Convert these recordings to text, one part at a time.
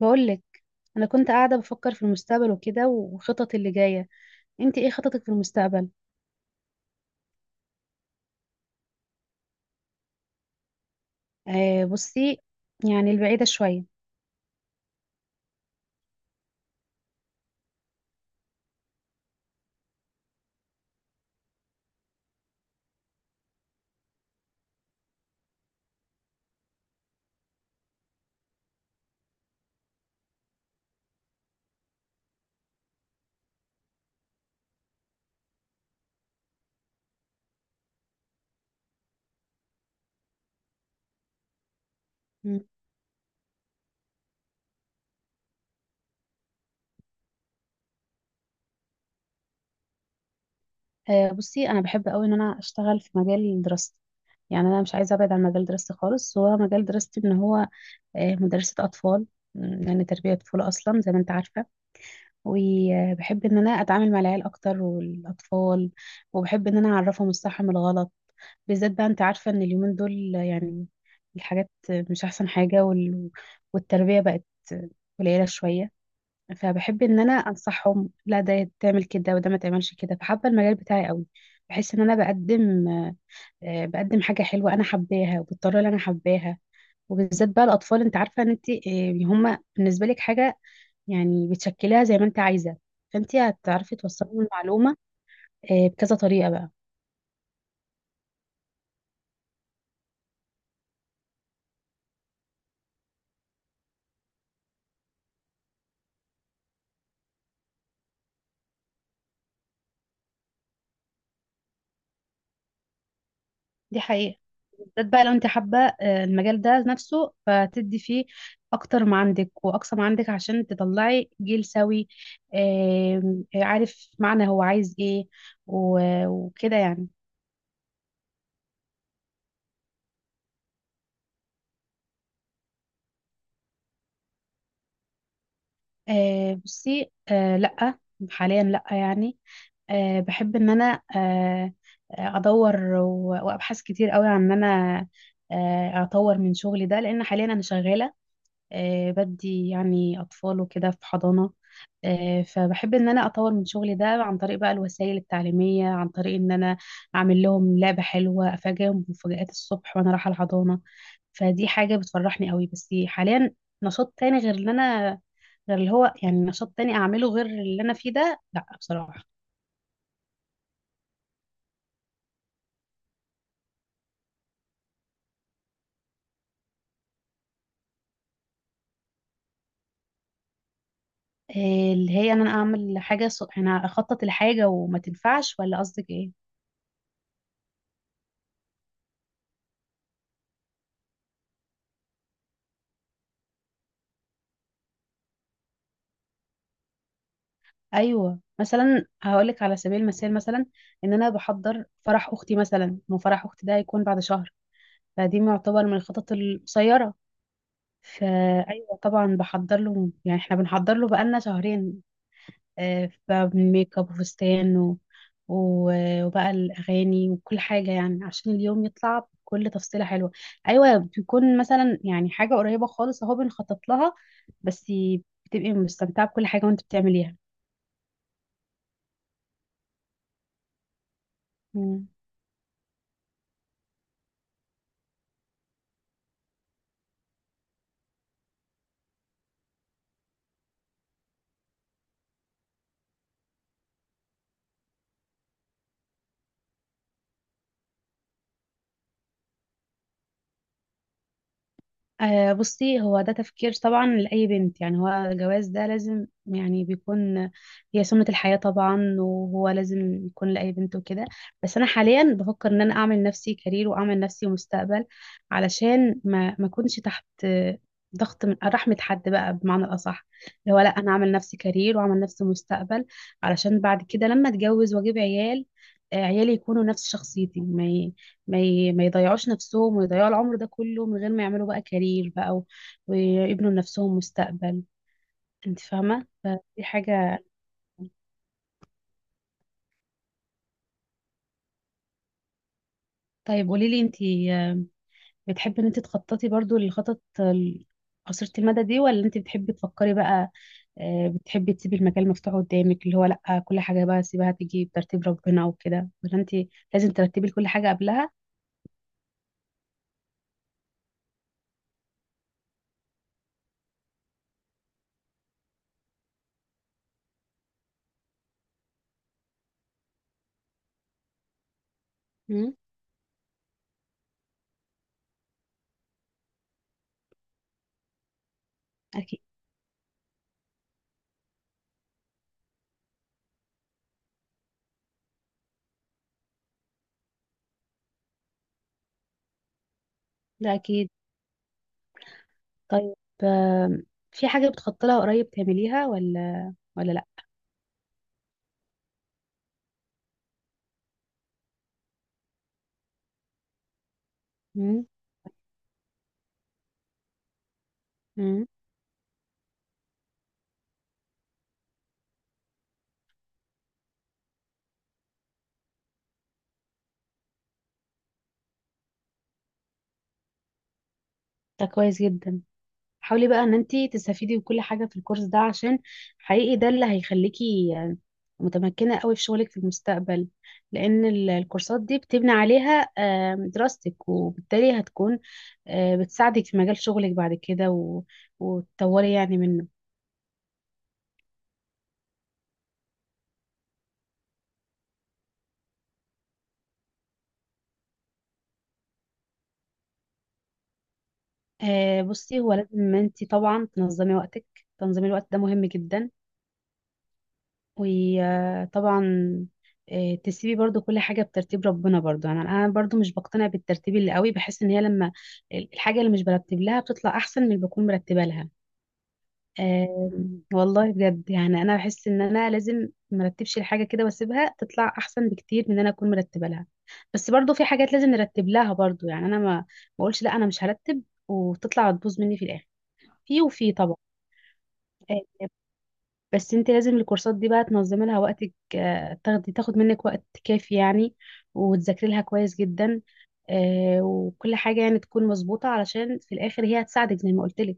بقولك، انا كنت قاعده بفكر في المستقبل وكده وخطط اللي جايه. انت ايه خططك في المستقبل؟ آه بصي، يعني البعيده شويه. مم. آه بصي، انا بحب قوي ان انا اشتغل في مجال دراستي. يعني انا مش عايزه ابعد عن مجال دراستي خالص. هو مجال دراستي ان هو مدرسه اطفال. يعني تربيه طفوله اصلا زي ما انت عارفه. وبحب ان انا اتعامل مع العيال اكتر والاطفال. وبحب ان انا اعرفهم الصح من الغلط، بالذات بقى انت عارفة ان اليومين دول يعني الحاجات مش احسن حاجة، والتربية بقت قليلة شوية. فبحب ان انا انصحهم لا، ده تعمل كده وده ما تعملش كده. فحابة المجال بتاعي قوي. بحس ان انا بقدم بقدم حاجة حلوة انا حباها وبالطريقة اللي انا حباها. وبالذات بقى الاطفال، انت عارفة ان انت هما بالنسبة لك حاجة يعني بتشكلها زي ما انت عايزة. فانت هتعرفي توصلي المعلومة بكذا طريقة بقى. دي حقيقة. بالذات بقى لو انت حابة المجال ده نفسه، فتدي فيه اكتر ما عندك واقصى ما عندك عشان تطلعي جيل سوي. عارف معنى هو عايز ايه، وكده يعني. آه، بصي، لأ. حاليا لأ يعني. بحب ان انا ادور وابحث كتير قوي عن ان انا اطور من شغلي ده لان حاليا انا شغالة. بدي يعني أطفال وكده في حضانة. فبحب إن أنا أطور من شغلي ده عن طريق بقى الوسائل التعليمية، عن طريق إن أنا أعمل لهم لعبة حلوة، أفاجئهم بمفاجآت الصبح وأنا رايحة الحضانة. فدي حاجة بتفرحني قوي. بس حاليا، نشاط تاني غير اللي أنا، غير اللي هو يعني نشاط تاني أعمله غير اللي أنا فيه ده، لأ بصراحة. اللي هي إن أنا أعمل حاجة أنا أخطط لحاجة وما تنفعش، ولا قصدك إيه؟ ايوه، مثلا هقولك على سبيل المثال، مثلا ان انا بحضر فرح اختي مثلا، وفرح اختي ده هيكون بعد شهر. فدي يعتبر من الخطط القصيره. فايوه طبعا بحضر له. يعني احنا بنحضر له بقالنا شهرين. بقى من ميك اب وفستان وبقى الاغاني وكل حاجه، يعني عشان اليوم يطلع بكل تفصيله حلوه. ايوه بيكون مثلا يعني حاجه قريبه خالص اهو بنخطط لها. بس بتبقي مستمتعه بكل حاجه وانت بتعمليها. مم. آه بصي، هو ده تفكير طبعا لأي بنت. يعني هو الجواز ده لازم يعني بيكون هي سنة الحياة طبعا، وهو لازم يكون لأي بنت وكده. بس أنا حاليا بفكر إن أنا أعمل نفسي كارير وأعمل نفسي مستقبل، علشان ما أكونش تحت ضغط من رحمة حد بقى، بمعنى الأصح، اللي هو لأ أنا أعمل نفسي كارير وأعمل نفسي مستقبل علشان بعد كده لما أتجوز وأجيب عيال عيالي يكونوا نفس شخصيتي. ما يضيعوش نفسهم ويضيعوا العمر ده كله من غير ما يعملوا بقى كارير بقى، ويبنوا لنفسهم مستقبل. انت فاهمة، فدي حاجة. طيب قولي لي انت، بتحبي ان انت تخططي برضو للخطط قصيرة المدى دي، ولا انت بتحبي تفكري بقى؟ بتحبي تسيبي المجال مفتوح قدامك اللي هو لا كل حاجة بقى سيبها تيجي بترتيب ربنا وكده، ولا انت لازم ترتبي كل حاجة قبلها؟ مم، اكيد. ده اكيد. طيب، آم، في حاجة بتخططي لها قريب تعمليها ولا لا؟ امم. ده كويس جدا. حاولي بقى ان انتي تستفيدي بكل حاجه في الكورس ده عشان حقيقي ده اللي هيخليكي متمكنه قوي في شغلك في المستقبل، لان الكورسات دي بتبني عليها دراستك، وبالتالي هتكون بتساعدك في مجال شغلك بعد كده، وتطوري يعني منه. بصي هو لازم انتي طبعا تنظمي وقتك. تنظيم الوقت ده مهم جدا. وطبعا تسيبي برضو كل حاجة بترتيب ربنا برضو. يعني أنا برضو مش بقتنع بالترتيب اللي قوي. بحس إن هي لما الحاجة اللي مش برتب لها بتطلع أحسن من اللي بكون مرتبة لها. آه، والله بجد، يعني أنا بحس إن أنا لازم مرتبش الحاجة كده واسيبها تطلع أحسن بكتير من إن أنا أكون مرتبة لها. بس برضو في حاجات لازم نرتب لها برضو. يعني أنا ما بقولش لا، أنا مش هرتب وتطلع تبوظ مني في الآخر. في وفي طبعا. آه، بس انت لازم الكورسات دي بقى تنظمي لها وقتك. تاخدي تاخد منك وقت كافي يعني، وتذاكري لها كويس جدا. وكل حاجة يعني تكون مظبوطة علشان في الآخر هي هتساعدك زي ما قلت لك.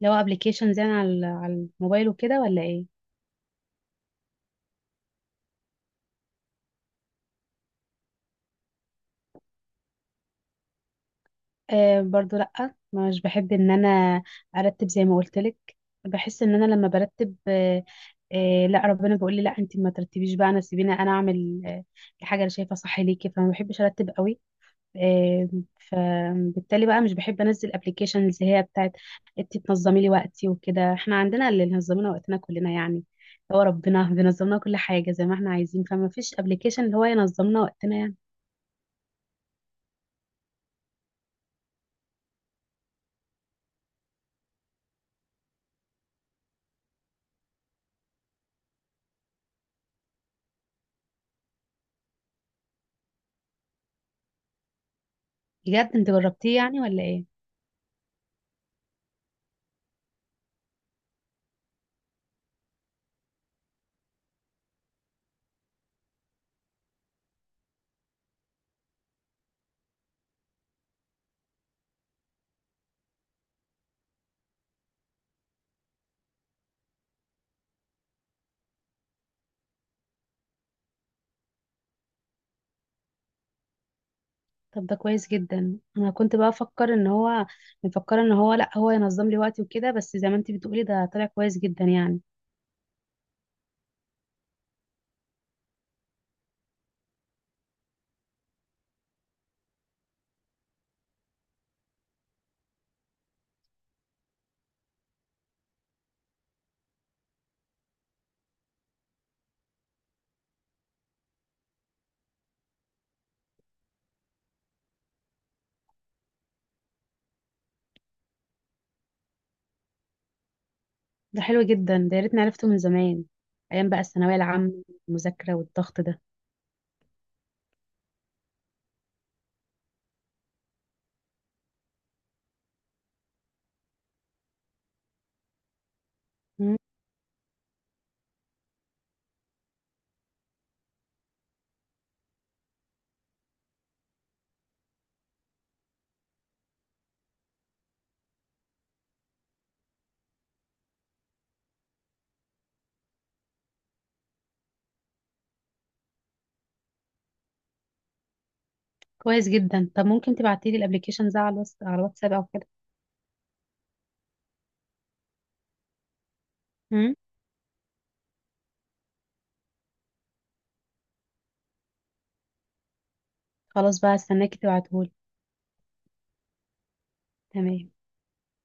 لو ابلكيشنز يعني على الموبايل وكده، ولا ايه؟ آه برضو لأ، مش بحب ان انا ارتب زي ما قلت لك. بحس ان انا لما برتب لا، ربنا بيقول لي لا انت ما ترتبيش بقى، انا سيبيني انا اعمل الحاجة اللي شايفة صح ليكي. فما بحبش ارتب قوي. آه، فبالتالي بقى مش بحب انزل ابلكيشنز هي بتاعت انت تنظمي لي وقتي وكده. احنا عندنا اللي نظم لنا وقتنا كلنا يعني. هو ربنا بينظم لنا كل حاجه زي ما احنا عايزين، فما فيش ابلكيشن اللي هو ينظم لنا وقتنا يعني. بجد انت جربتيه يعني، ولا ايه؟ طب ده كويس جدا. انا كنت بقى افكر ان هو مفكره، ان هو لا هو ينظم لي وقتي وكده، بس زي ما انت بتقولي ده طلع كويس جدا يعني. ده حلو جدا. ده يا ريتني عرفته من زمان، ايام بقى الثانويه العامه، المذاكره والضغط ده. كويس جدا. طب ممكن تبعتيلي الابلكيشن ده على الواتس، على الواتساب او كده؟ امم خلاص بقى، استناكي تبعتهولي. تمام.